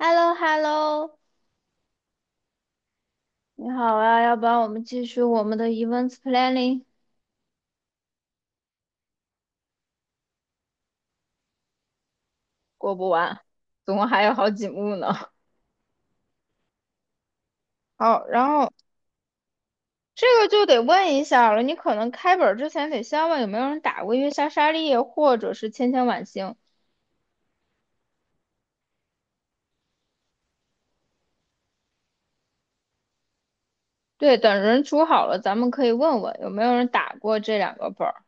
h e l l o h e l l o 你好啊，要不然我们继续我们的 events planning，过不完，总共还有好几幕呢。好，然后这个就得问一下了，你可能开本儿之前得先问有没有人打过月下沙利叶或者是千千晚星。对，等人组好了，咱们可以问问有没有人打过这两个本儿。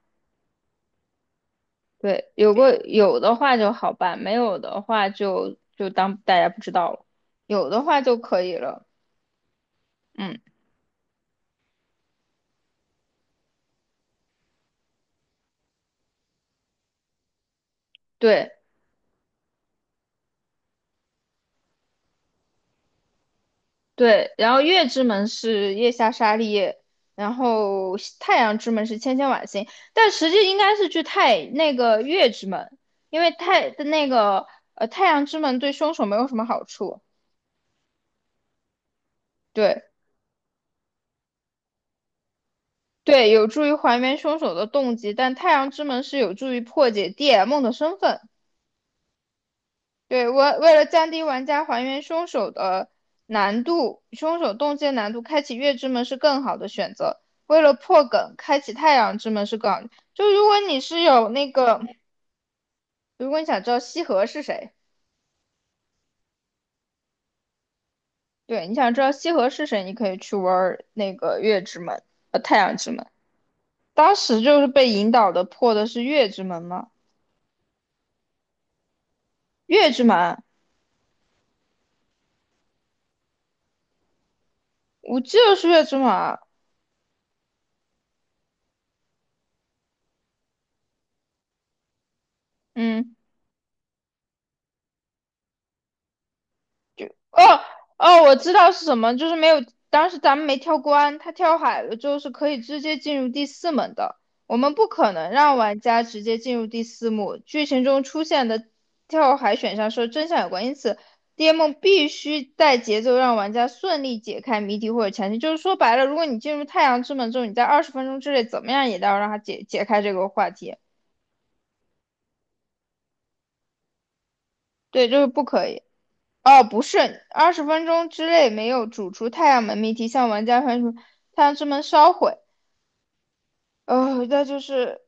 对，有的话就好办，没有的话就当大家不知道了，有的话就可以了。嗯，对。对，然后月之门是月下沙利叶，然后西太阳之门是千千晚星，但实际应该是去太那个月之门，因为太的那个呃太阳之门对凶手没有什么好处，对对，有助于还原凶手的动机，但太阳之门是有助于破解 DM 的身份。对，为了降低玩家还原凶手的难度，凶手动机的难度，开启月之门是更好的选择。为了破梗，开启太阳之门是更好的。就如果你是有那个，如果你想知道西河是谁，对，你想知道西河是谁，你可以去玩那个月之门，太阳之门。当时就是被引导的破的是月之门吗？月之门，我记得是月之门啊，嗯，哦哦，我知道是什么，就是没有，当时咱们没跳关，他跳海了之后是可以直接进入第四门的。我们不可能让玩家直接进入第四幕。剧情中出现的跳海选项是真相有关，因此 DM 必须带节奏让玩家顺利解开谜题或者前提。就是说白了，如果你进入太阳之门之后，你在二十分钟之内怎么样也得要让他解开这个话题。对，就是不可以。哦，不是，二十分钟之内没有煮出太阳门谜题，向玩家发出太阳之门烧毁。那就是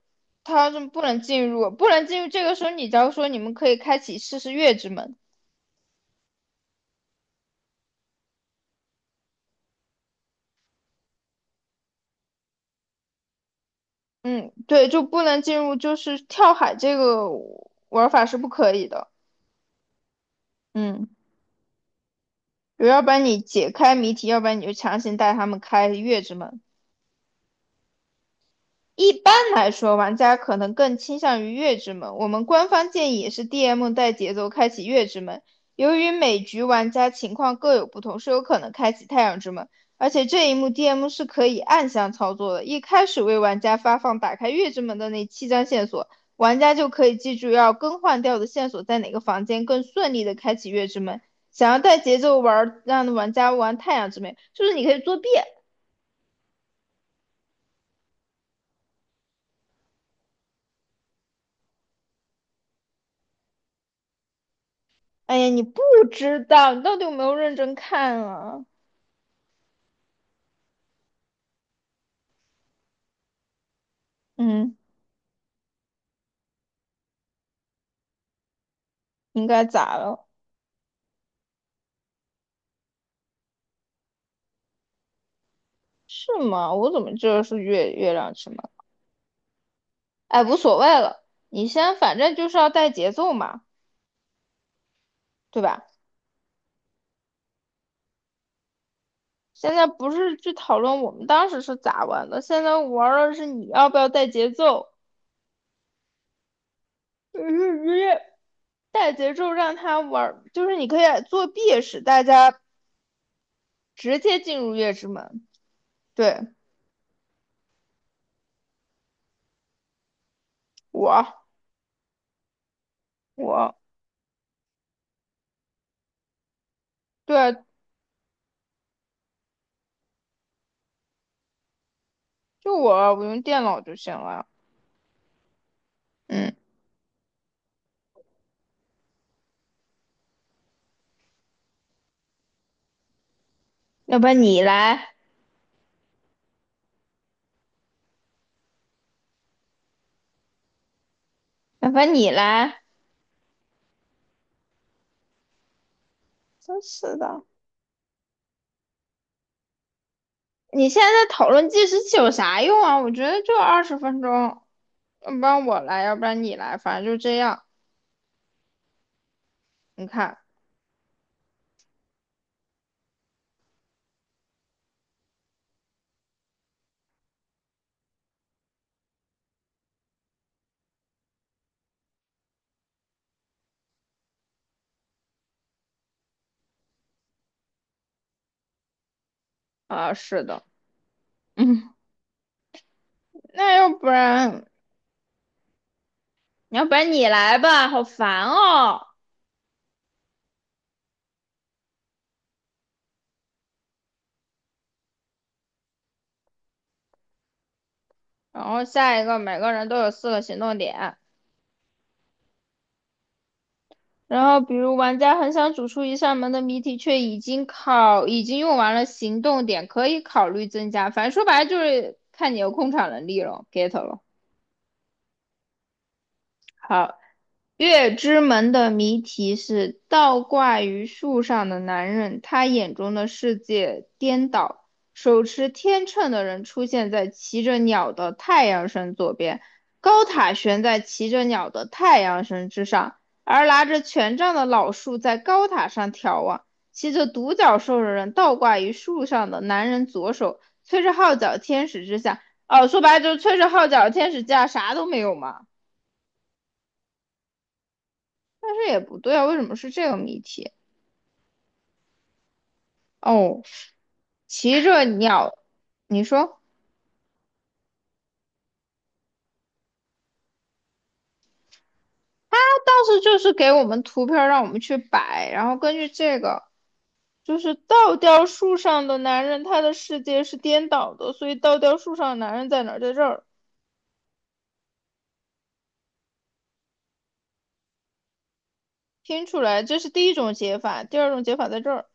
他是不能进入，不能进入。这个时候，你假如说你们可以开启试试月之门，嗯，对，就不能进入，就是跳海这个玩法是不可以的，嗯，要不然你解开谜题，要不然你就强行带他们开月之门。一般来说，玩家可能更倾向于月之门。我们官方建议也是 DM 带节奏开启月之门。由于每局玩家情况各有不同，是有可能开启太阳之门。而且这一幕 DM 是可以暗箱操作的，一开始为玩家发放打开月之门的那七张线索，玩家就可以记住要更换掉的线索在哪个房间，更顺利的开启月之门。想要带节奏玩，让玩家玩太阳之门，就是你可以作弊。哎呀，你不知道，你到底有没有认真看啊？嗯，应该咋了？是吗？我怎么知道是月亮之门？哎，无所谓了，你先，反正就是要带节奏嘛，对吧？现在不是去讨论我们当时是咋玩的，现在玩的是你要不要带节奏。嗯，带节奏让他玩，就是你可以作弊，使大家直接进入月之门。对，我，我，对，就我用电脑就行了。嗯。要不然你来，要不然你来。真是的，你现在讨论计时器有啥用啊？我觉得就二十分钟，要不然我来，要不然你来，反正就这样。你看，啊，是的，嗯，那要不然，要不然你来吧，好烦哦。然后下一个，每个人都有四个行动点。然后，比如玩家很想走出一扇门的谜题，却已经用完了行动点，可以考虑增加。反正说白了就是看你有控场能力了，get 了。好，月之门的谜题是倒挂于树上的男人，他眼中的世界颠倒。手持天秤的人出现在骑着鸟的太阳神左边，高塔悬在骑着鸟的太阳神之上，而拿着权杖的老树在高塔上眺望。骑着独角兽的人倒挂于树上的男人左手，吹着号角天使之下。哦，说白了就是吹着号角天使之下，啥都没有嘛。但是也不对啊，为什么是这个谜题？哦，骑着鸟，你说他当时就是给我们图片儿让我们去摆，然后根据这个，就是倒吊树上的男人，他的世界是颠倒的，所以倒吊树上的男人在哪儿？在这儿拼出来，这是第一种解法，第二种解法在这儿。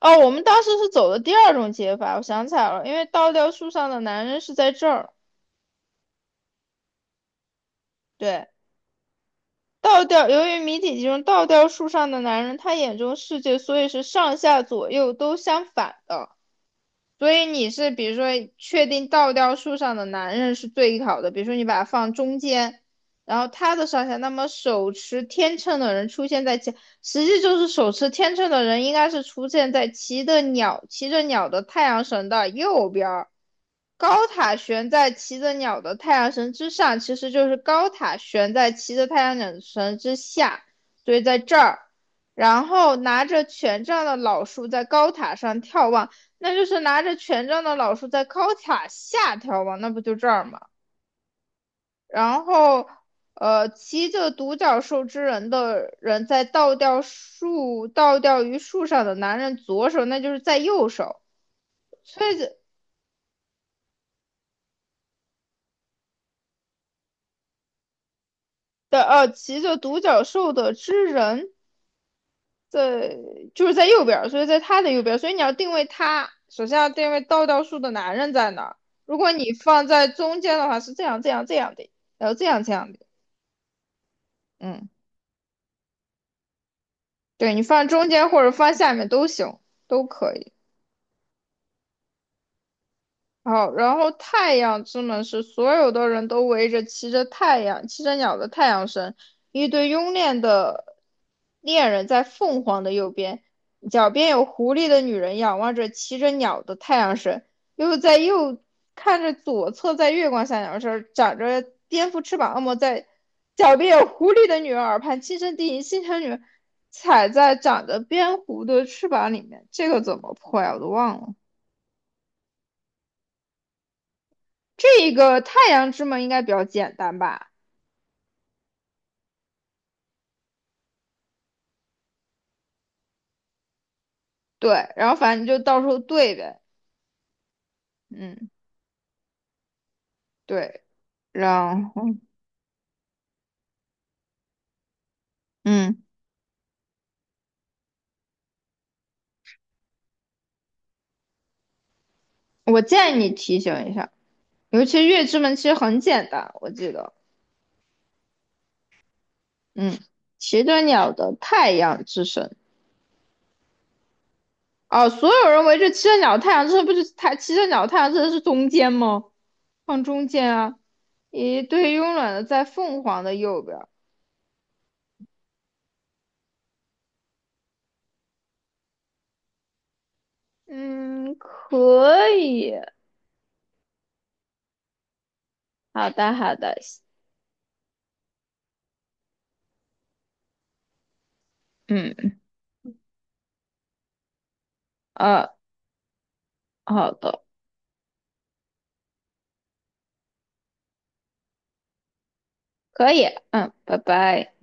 哦，我们当时是走的第二种解法，我想起来了，因为倒吊树上的男人是在这儿，对。倒吊，由于谜底集中倒吊树上的男人，他眼中世界所以是上下左右都相反的。所以你是比如说确定倒吊树上的男人是最好的，比如说你把它放中间，然后他的上下，那么手持天秤的人出现在前，实际就是手持天秤的人应该是出现在骑着鸟的太阳神的右边儿，高塔悬在骑着鸟的太阳神之上，其实就是高塔悬在骑着太阳神之下，所以在这儿。然后拿着权杖的老树在高塔上眺望，那就是拿着权杖的老树在高塔下眺望，那不就这儿吗？然后，骑着独角兽之人的人在倒吊于树上的男人左手，那就是在右手。所以骑着独角兽的之人在就是在右边所以在他的右边所以你要定位他，首先要定位倒数的男人在哪儿。如果你放在中间的话，是这样这样这样的，然后这样这样的，嗯，对你放中间或者放下面都行，都可以。好，然后太阳之门是所有的人都围着骑着太阳、骑着鸟的太阳神，一对慵懒的恋人在凤凰的右边，脚边有狐狸的女人仰望着骑着鸟的太阳神，又在右看着左侧在月光下鸟身长着蝙蝠翅膀恶魔在脚边有狐狸的女人耳畔轻声低吟，心疼女人踩在长着蝙蝠的翅膀里面，这个怎么破呀？我都忘了。这个太阳之门应该比较简单吧？对，然后反正你就到时候对呗。嗯，对，然后嗯，我建议你提醒一下，尤其月之门其实很简单，我记得，嗯，骑着鸟的太阳之神。哦，所有人围着骑着鸟的太阳之神，不是太，骑着鸟的太阳之神是中间吗？放中间啊，一对慵懒的在凤凰的右边。嗯，可以，好的，好的，嗯，呃，好的。可以，嗯，拜拜。